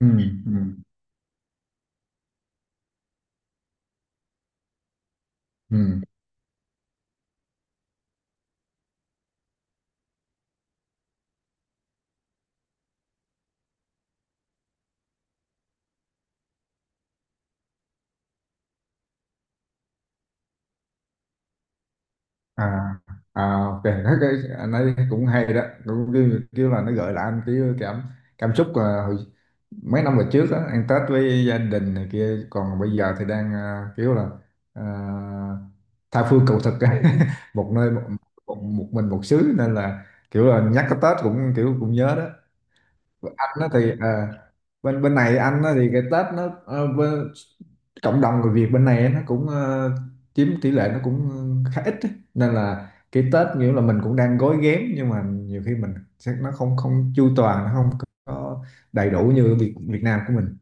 Ừ, ừ, ừ. À, à, ok, thấy cái anh ấy cũng hay đó, cũng kiểu là nó gợi lại anh cái cảm cảm xúc hồi mấy năm về trước á, ăn Tết với gia đình này kia, còn bây giờ thì đang kiểu là à, tha phương cầu thực á. một nơi một, một mình một xứ, nên là kiểu là nhắc cái Tết cũng kiểu cũng nhớ đó. Anh đó thì bên bên này anh á, thì cái Tết nó cộng đồng người Việt bên này nó cũng chiếm tỷ lệ nó cũng khá ít ấy. Nên là cái Tết nghĩa là mình cũng đang gói ghém, nhưng mà nhiều khi mình sẽ nó không không chu toàn, nó không có đầy đủ như Việt Việt Nam của mình.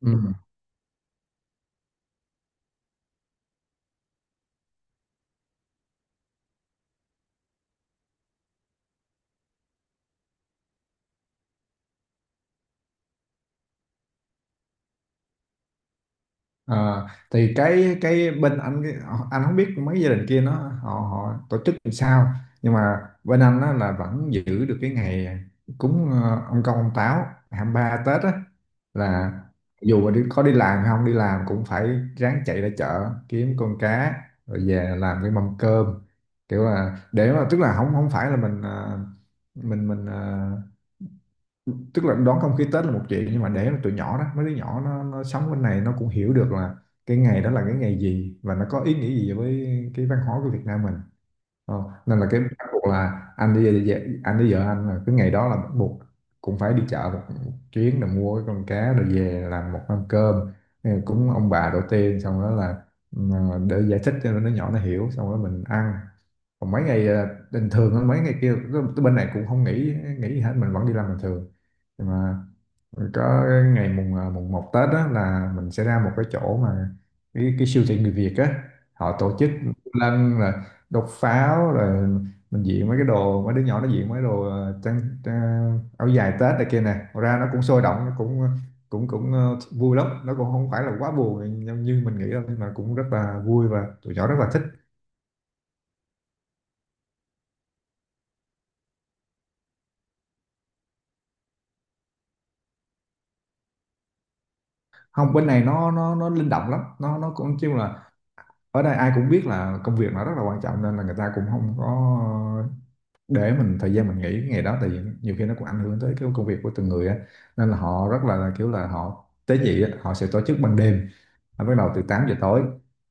Ừ. Ờ, thì cái bên anh anh không biết mấy gia đình kia nó họ họ tổ chức làm sao, nhưng mà bên anh á, là vẫn giữ được cái ngày cúng ông công ông táo 23 Tết á, là dù mà đi, có đi làm hay không đi làm cũng phải ráng chạy ra chợ kiếm con cá rồi về làm cái mâm cơm, kiểu là để mà tức là không không phải là mình mình mình ờ, tức là đón không khí Tết là một chuyện, nhưng mà để mà tụi nhỏ đó, mấy đứa nhỏ nó sống bên này nó cũng hiểu được là cái ngày đó là cái ngày gì và nó có ý nghĩa gì với cái văn hóa của Việt Nam mình. Ờ, nên là cái bắt buộc là anh đi, vợ anh là cái ngày đó là bắt buộc cũng phải đi chợ một chuyến để mua cái con cá rồi về làm một mâm cơm cúng ông bà đầu tiên, xong đó là ừ, để giải thích cho nó, nhỏ nó hiểu, xong đó mình ăn. Còn mấy ngày bình thường hơn, mấy ngày kia cái bên này cũng không nghỉ nghỉ gì hết, mình vẫn đi làm bình thường, nhưng mà có ngày mùng một Tết đó là mình sẽ ra một cái chỗ mà cái siêu thị người Việt á, họ tổ chức lân, là đốt pháo rồi mình diện mấy cái đồ, mấy đứa nhỏ nó diện mấy đồ trang áo dài Tết này kia nè, ra nó cũng sôi động, nó cũng cũng cũng ờ, vui lắm, nó cũng không phải là quá buồn nhưng như mình nghĩ đâu, nhưng mà cũng rất là vui và tụi nhỏ rất là thích. Không, bên này nó nó linh động lắm, nó cũng chung là ở đây ai cũng biết là công việc nó rất là quan trọng, nên là người ta cũng không có để mình thời gian mình nghỉ cái ngày đó, tại vì nhiều khi nó cũng ảnh hưởng tới cái công việc của từng người á. Nên là họ rất là kiểu là họ tế nhị á, họ sẽ tổ chức ban đêm, nó bắt đầu từ 8 giờ tối,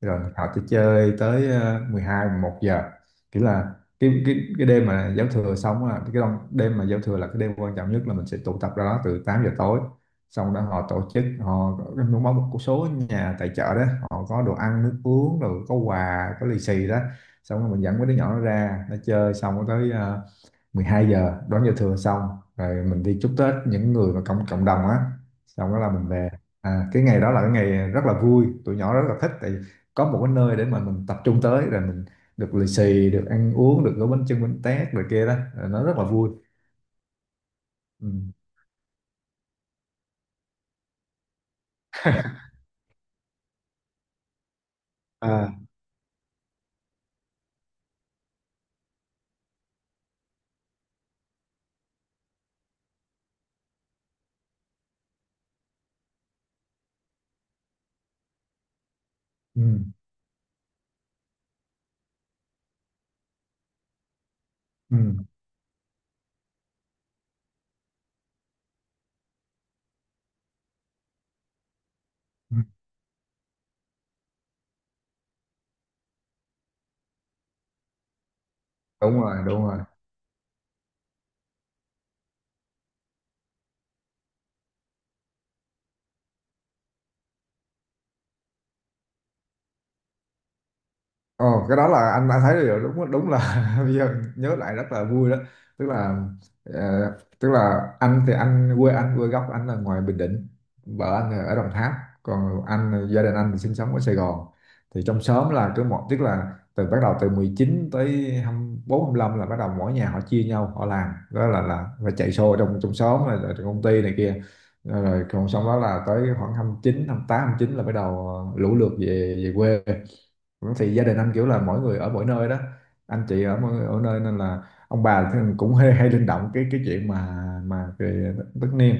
rồi họ sẽ chơi tới 12 một giờ, kiểu là cái đêm mà giao thừa xong á, đêm mà giao thừa là cái đêm quan trọng nhất, là mình sẽ tụ tập ra đó từ 8 giờ tối. Xong đó họ tổ chức, họ có một số nhà tài trợ đó, họ có đồ ăn nước uống, rồi có quà có lì xì đó, xong rồi mình dẫn mấy đứa nhỏ nó ra nó chơi, xong rồi tới 12 giờ đón giao thừa xong, rồi mình đi chúc Tết những người mà cộng cộng đồng á, xong đó là mình về. À, cái ngày đó là cái ngày rất là vui, tụi nhỏ rất là thích tại vì có một cái nơi để mà mình tập trung tới, rồi mình được lì xì, được ăn uống, được gói bánh chưng bánh tét rồi kia đó, rồi nó rất là vui. Ừ. À. Ừ. Ừ. Ừ. Đúng rồi, đúng rồi. Ồ, cái đó là anh thấy được, đúng đúng là, bây giờ nhớ lại rất là vui đó. Tức là ờ, tức là anh thì anh quê gốc anh là ngoài Bình Định, vợ anh là ở Đồng Tháp, còn anh gia đình anh thì sinh sống ở Sài Gòn. Thì trong xóm là cứ một, tức là từ bắt đầu từ 19 tới 24 25 là bắt đầu mỗi nhà họ chia nhau họ làm đó, là phải chạy xô trong trong xóm rồi, rồi trong công ty này kia. Ờ, rồi còn xong đó là tới khoảng 29 28 29 là bắt đầu lũ lượt về về quê. Thì gia đình anh kiểu là mỗi người ở mỗi nơi đó, anh chị ở ở nơi, nên là ông bà thì cũng hay linh động cái chuyện mà về tất niên,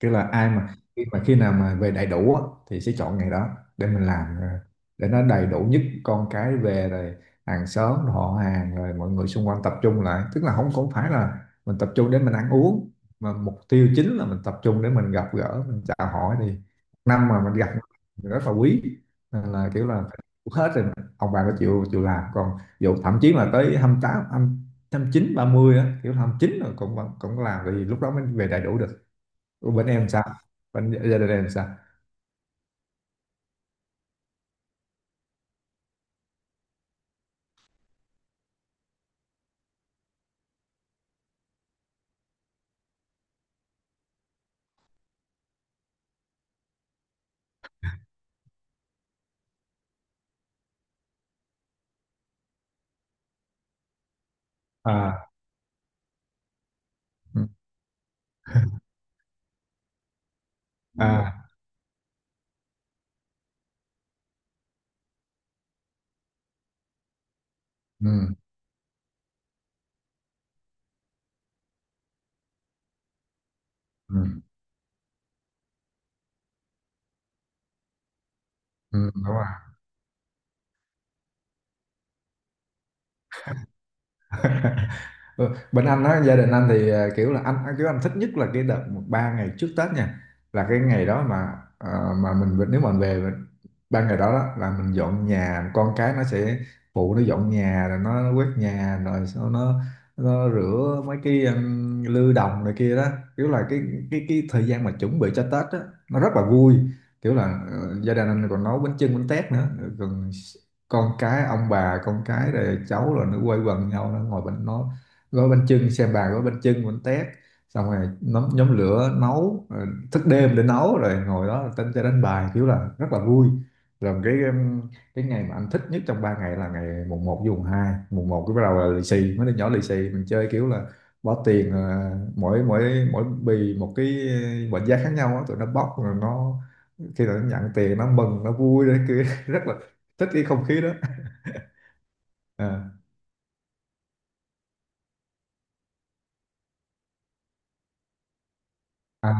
tức là ai mà khi nào mà về đầy đủ á, thì sẽ chọn ngày đó để mình làm, để nó đầy đủ nhất con cái về rồi hàng xóm rồi họ hàng rồi mọi người xung quanh tập trung lại, tức là không không phải là mình tập trung để mình ăn uống, mà mục tiêu chính là mình tập trung để mình gặp gỡ mình chào hỏi, thì năm mà mình gặp thì rất là quý. Nên là kiểu là phải đủ hết rồi ông bà có chịu chịu làm, còn dù thậm chí là tới hai hai mươi mươi tám, hai mươi chín, ba mươi á, kiểu 29 rồi cũng cũng làm, vì lúc đó mới về đầy đủ được. Ủa, bên em sao? Bên gia đình em sao? À. Ừ. Ừ. À. Ừ. Ừ. Ừ. Đúng rồi. Ừ, bên anh á gia đình anh thì kiểu là anh- kiểu anh thích nhất là cái đợt ba ngày trước Tết nha, là cái ngày đó mà ờ, mà mình về- nếu mà mình về mình- ba ngày đó, đó là mình dọn nhà, con cái nó sẽ phụ nó dọn nhà rồi nó quét nhà rồi sau nó rửa mấy cái lư đồng này kia đó, kiểu là cái thời gian mà chuẩn bị cho Tết á nó rất là vui, kiểu là gia đình anh còn nấu bánh chưng bánh tét nữa, còn con cái ông bà con cái rồi cháu rồi nó quây quần nhau, nó ngồi bên nó gói bánh chưng xem bà gói bánh chưng bánh tét, xong rồi nhóm lửa nấu rồi thức đêm để nấu, rồi ngồi đó tính cho đánh bài kiểu là rất là vui. Rồi cái ngày mà anh thích nhất trong ba ngày là ngày mùng một với mùng 2. Mùng một cái bắt đầu là lì xì mấy đứa nhỏ, lì xì mình chơi kiểu là bỏ tiền mỗi mỗi mỗi bì một cái mệnh giá khác nhau á, tụi nó bóc rồi nó, khi nào nó nhận tiền nó mừng nó vui đấy cứ rất là thích cái không khí đó. À. À.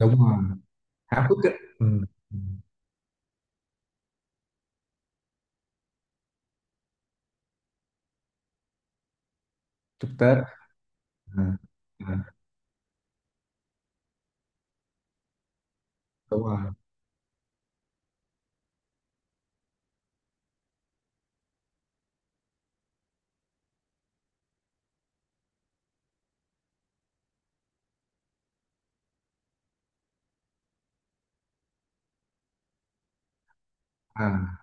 Đúng rồi. Háo hức á. Ừ. Chúc Tết. À. À. Đúng rồi. À.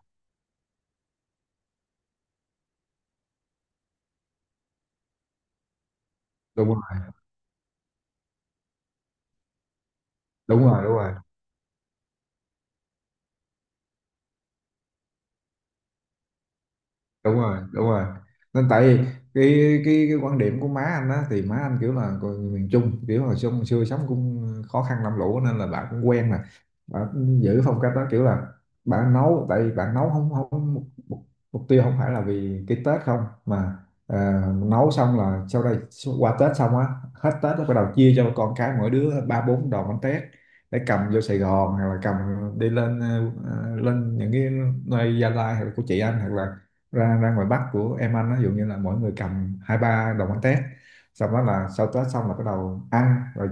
Đúng rồi, đúng rồi. Đúng rồi, đúng rồi, đúng rồi. Nên tại vì cái quan điểm của má anh á thì má anh kiểu là người miền Trung, kiểu hồi xưa sống cũng khó khăn làm lũ nên là bà cũng quen mà, bà cũng giữ phong cách đó, kiểu là bà nấu, tại vì bà nấu không không mục, mục mục tiêu không phải là vì cái Tết không, mà nấu xong là sau đây qua Tết xong á, hết Tết nó bắt đầu chia cho con cái mỗi đứa ba bốn đòn bánh tét để cầm vô Sài Gòn, hoặc là cầm đi lên lên những cái nơi Gia Lai, hoặc là của chị anh, hoặc là ra ra ngoài Bắc của em anh á, ví dụ như là mỗi người cầm hai ba đồng bánh tét, xong đó là sau Tết xong là bắt đầu ăn rồi,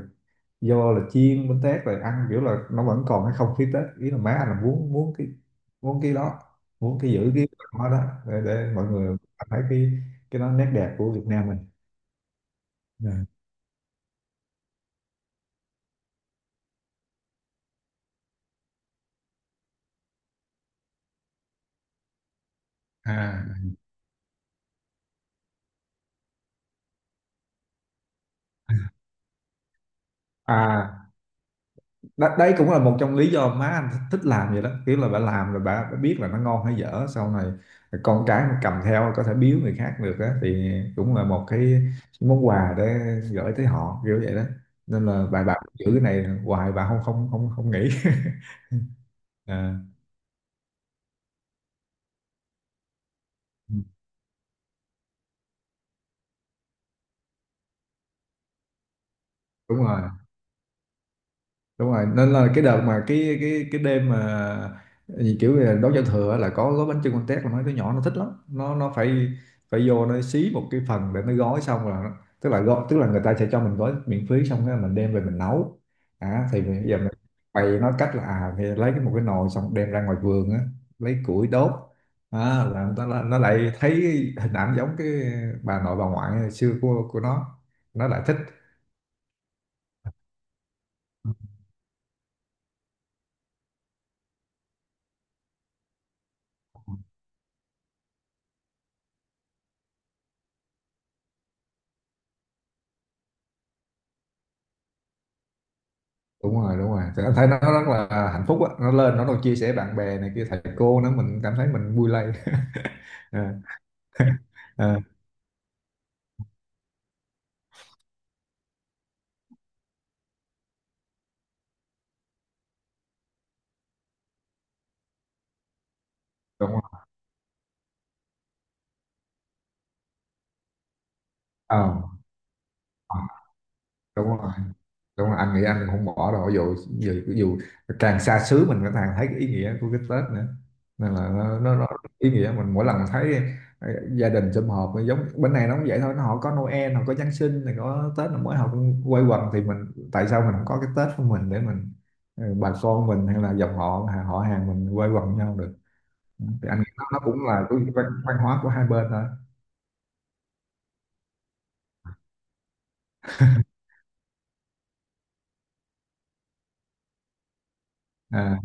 vô là chiên bánh tét rồi ăn, kiểu là nó vẫn còn cái không khí Tết, ý là má anh là muốn muốn cái đó, muốn cái giữ cái đó đó, để mọi người thấy cái đó, nét đẹp của Việt Nam mình. Dạ. À. À. Đ- đấy cũng là một trong lý do má anh thích làm vậy đó, kiểu là bà làm rồi bà biết là nó ngon hay dở, sau này con cái nó cầm theo có thể biếu người khác được á, thì cũng là một cái món quà để gửi tới họ kiểu vậy đó. Nên là bà giữ cái này hoài, bà không không nghĩ. À. Ừ. Đúng rồi, đúng rồi, nên là cái đợt mà cái đêm mà gì kiểu là đón giao thừa là có gói bánh chưng con tét, là mấy đứa nhỏ nó thích lắm, nó phải phải vô nó xí một cái phần để nó gói, xong là tức là gói, tức là người ta sẽ cho mình gói miễn phí, xong cái mình đem về mình nấu. À, thì bây giờ mình bày nó cách là à, thì lấy cái một cái nồi xong đem ra ngoài vườn á, lấy củi đốt. À, là nó nó lại thấy hình ảnh giống cái bà nội bà ngoại xưa của nó lại thích. Đúng rồi, đúng rồi. Thì anh thấy nó rất là hạnh phúc á, nó lên nó còn chia sẻ bạn bè này kia thầy cô nữa, mình cảm thấy mình vui lây. Ờ, ờ, đúng rồi. Ờ. Đúng rồi, đúng rồi, anh nghĩ anh cũng không bỏ đâu, dù dù, dù càng xa xứ mình cũng càng thấy cái ý nghĩa của cái Tết nữa, nên là nó ý nghĩa. Mình mỗi lần mình thấy ờ, gia đình sum họp, giống bên này nó cũng vậy thôi, nó họ có Noel, họ có Giáng sinh này, có Tết là mỗi họ cũng quây quần, thì mình tại sao mình không có cái Tết của mình để mình bà con mình hay là dòng họ họ hàng mình quây quần với nhau được. Thì anh nghĩ nó cũng là cái văn hóa của hai bên thôi. À,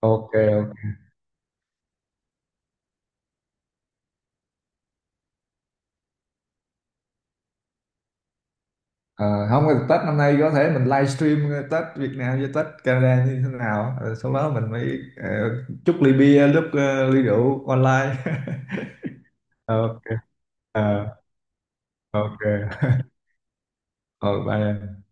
ok, ok. Ờ, không thì Tết năm nay có thể mình livestream Tết Việt Nam với Tết Canada như thế nào, rồi sau đó mình mới chúc ly bia, lúc ly rượu online. Ok. Ờ, ok. Ờ, bye em.